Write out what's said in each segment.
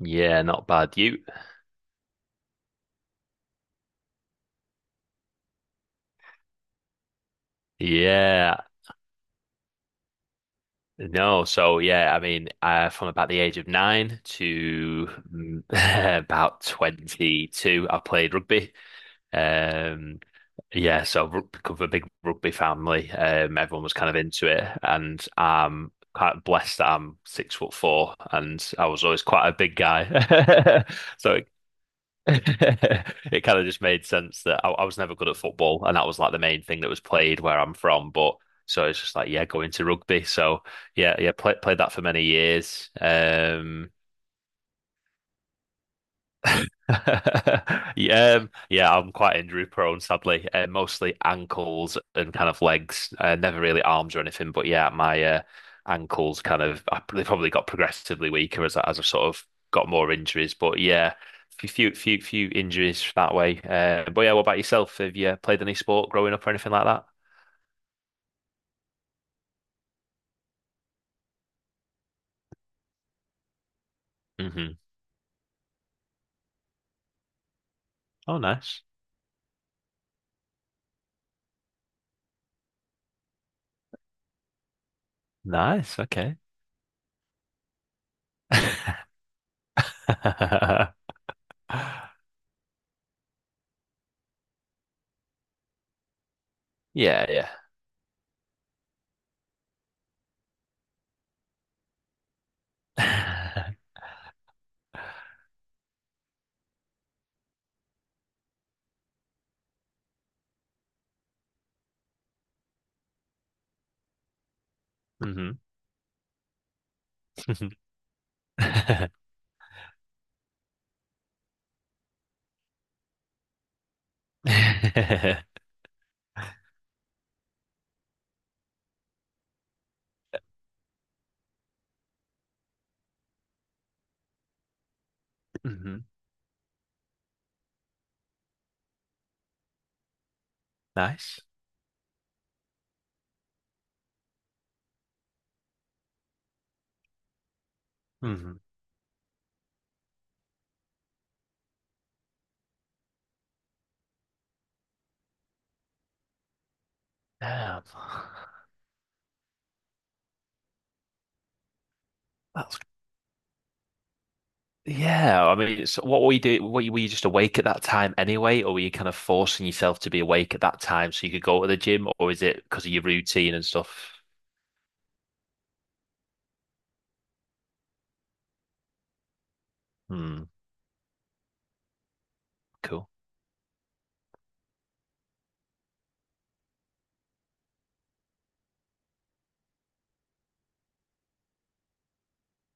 Yeah, not bad. You, yeah, no. So yeah, I mean, from about the age of nine to about 22, I played rugby. Um, yeah, so rugby, come from a big rugby family. Everyone was kind of into it, and I'm quite blessed that I'm 6'4", and I was always quite a big guy. So it It kind of just made sense that I was never good at football, and that was like the main thing that was played where I'm from. But so it's just like, yeah, going to rugby. So yeah, yeah, played that for many years. Yeah, yeah, I'm quite injury prone, sadly. Mostly ankles and kind of legs. Never really arms or anything, but yeah, my ankles kind of they probably got progressively weaker as I sort of got more injuries. But yeah, few injuries that way. But yeah, what about yourself? Have you played any sport growing up or anything like that? hmm Oh, nice, nice. Okay. Yeah, yeah. Hmm. Hmm. Nice. Hmm. Damn. That's Yeah. I mean, it's what were you do? Were you just awake at that time anyway, or were you kind of forcing yourself to be awake at that time so you could go to the gym, or is it because of your routine and stuff? Hmm. Cool.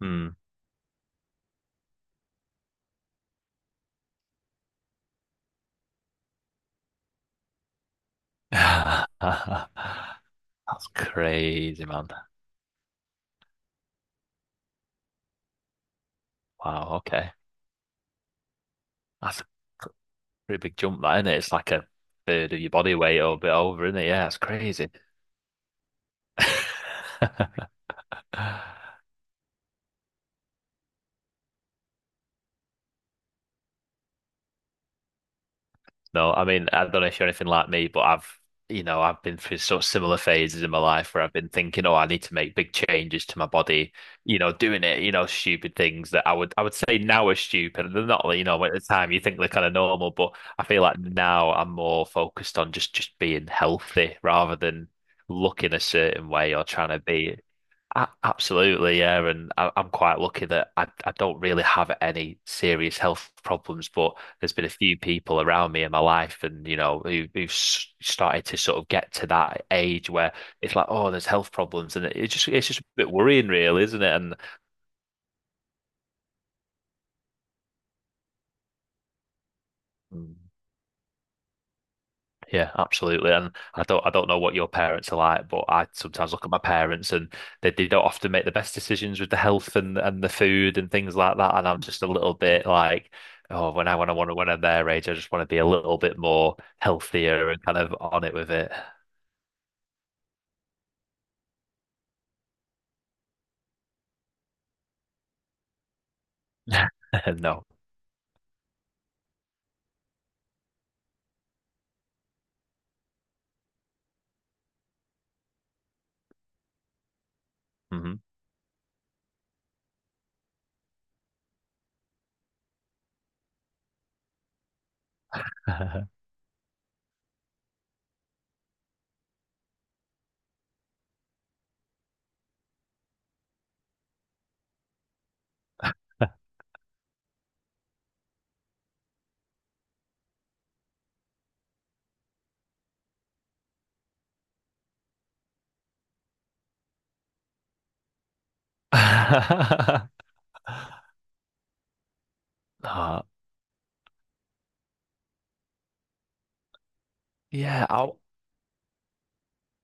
Hmm. That's crazy, man. Wow. Okay. That's a pretty big jump, that, isn't it? It's like a third of your body weight or a bit over, isn't it? Yeah, it's crazy. No, I mean, I don't know if you're anything like me, but I've been through sort of similar phases in my life where I've been thinking, oh, I need to make big changes to my body, doing it, stupid things that I would say now are stupid. They're not, at the time you think they're kind of normal, but I feel like now I'm more focused on just being healthy rather than looking a certain way or trying to be. Absolutely, yeah, and I'm quite lucky that I don't really have any serious health problems, but there's been a few people around me in my life, and who've started to sort of get to that age where it's like, oh, there's health problems, and it just it's just a bit worrying, really, isn't it? And yeah, absolutely. And I don't know what your parents are like, but I sometimes look at my parents and they don't often make the best decisions with the health and the food and things like that. And I'm just a little bit like, oh, when I'm their age, I just want to be a little bit more healthier and kind of on it with it. No. Hmm. Ah, yeah, I'll,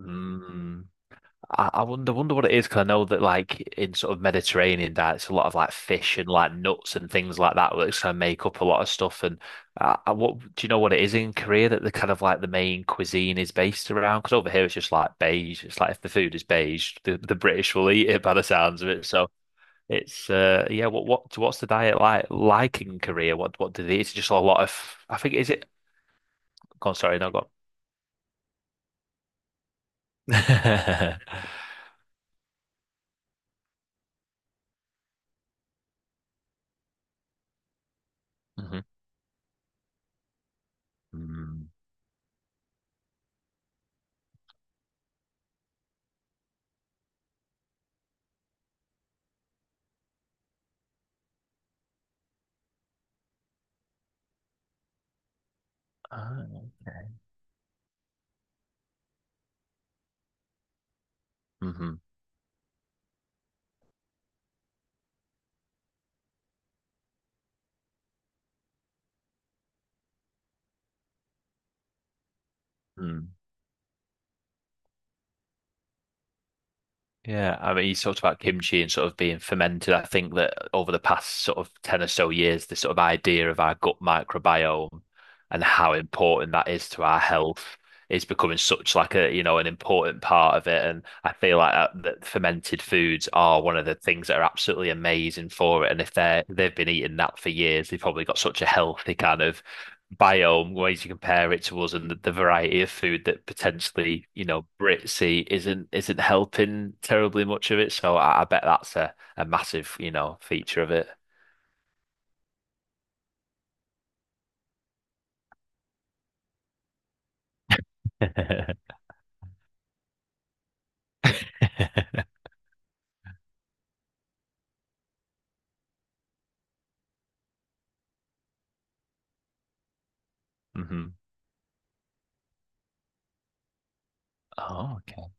mm. I wonder what it is because I know that like in sort of Mediterranean diets, a lot of like fish and like nuts and things like that which kind of make up a lot of stuff. And what do you know what it is in Korea that the kind of like the main cuisine is based around? Because over here it's just like beige. It's like if the food is beige, the British will eat it by the sounds of it. So it's yeah. What's the diet like in Korea? What do they? Eat? It's just a lot of, I think, is it? Go on, sorry, no, go on. Hmm. Mm-hmm. Mm-hmm. Yeah, I mean, you talked about kimchi and sort of being fermented. I think that over the past sort of 10 or so years, this sort of idea of our gut microbiome and how important that is to our health is becoming such like a, you know, an important part of it. And I feel like that fermented foods are one of the things that are absolutely amazing for it. And if they've been eating that for years, they've probably got such a healthy kind of biome, ways you compare it to us, and the variety of food that potentially, you know, Brits eat isn't helping terribly much of it. So I bet that's a massive, you know, feature of it. Hmm. Oh, okay.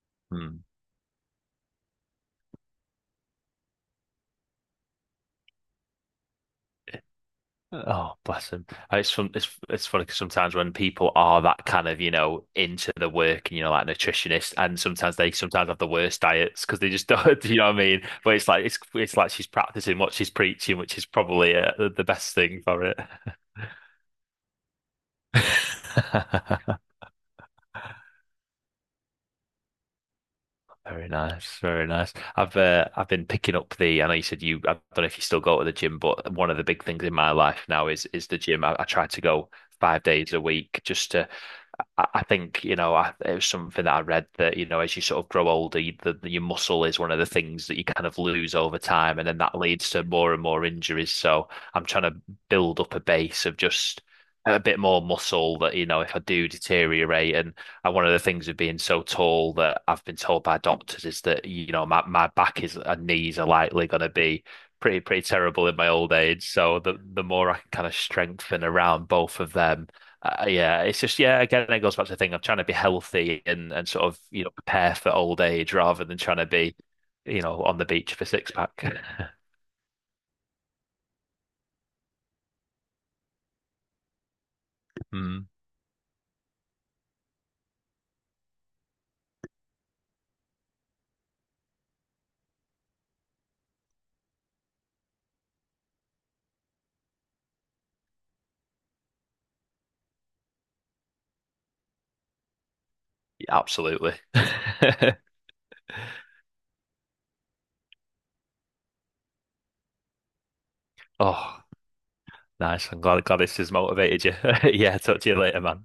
Hmm. Oh, bless him. And it's funny because sometimes when people are that kind of, you know, into the work and you know, like nutritionist, and sometimes they sometimes have the worst diets because they just don't, do you know what I mean? But it's like she's practicing what she's preaching, which is probably the best thing for it. Very nice, very nice. I've been picking up the. I know you said you. I don't know if you still go to the gym, but one of the big things in my life now is the gym. I try to go 5 days a week just to. I think, it was something that I read that, you know, as you sort of grow older, you, the, your muscle is one of the things that you kind of lose over time, and then that leads to more and more injuries. So I'm trying to build up a base of just a bit more muscle that, you know, if I do deteriorate, and one of the things of being so tall that I've been told by doctors is that, you know, my back is and knees are likely going to be pretty, pretty terrible in my old age. So the more I can kind of strengthen around both of them yeah, it's just yeah. Again, it goes back to the thing. I'm trying to be healthy and sort of prepare for old age rather than trying to be, on the beach for six pack. Mm, yeah, absolutely. Oh, nice. I'm Glad this has motivated you. Yeah, talk to you later, man.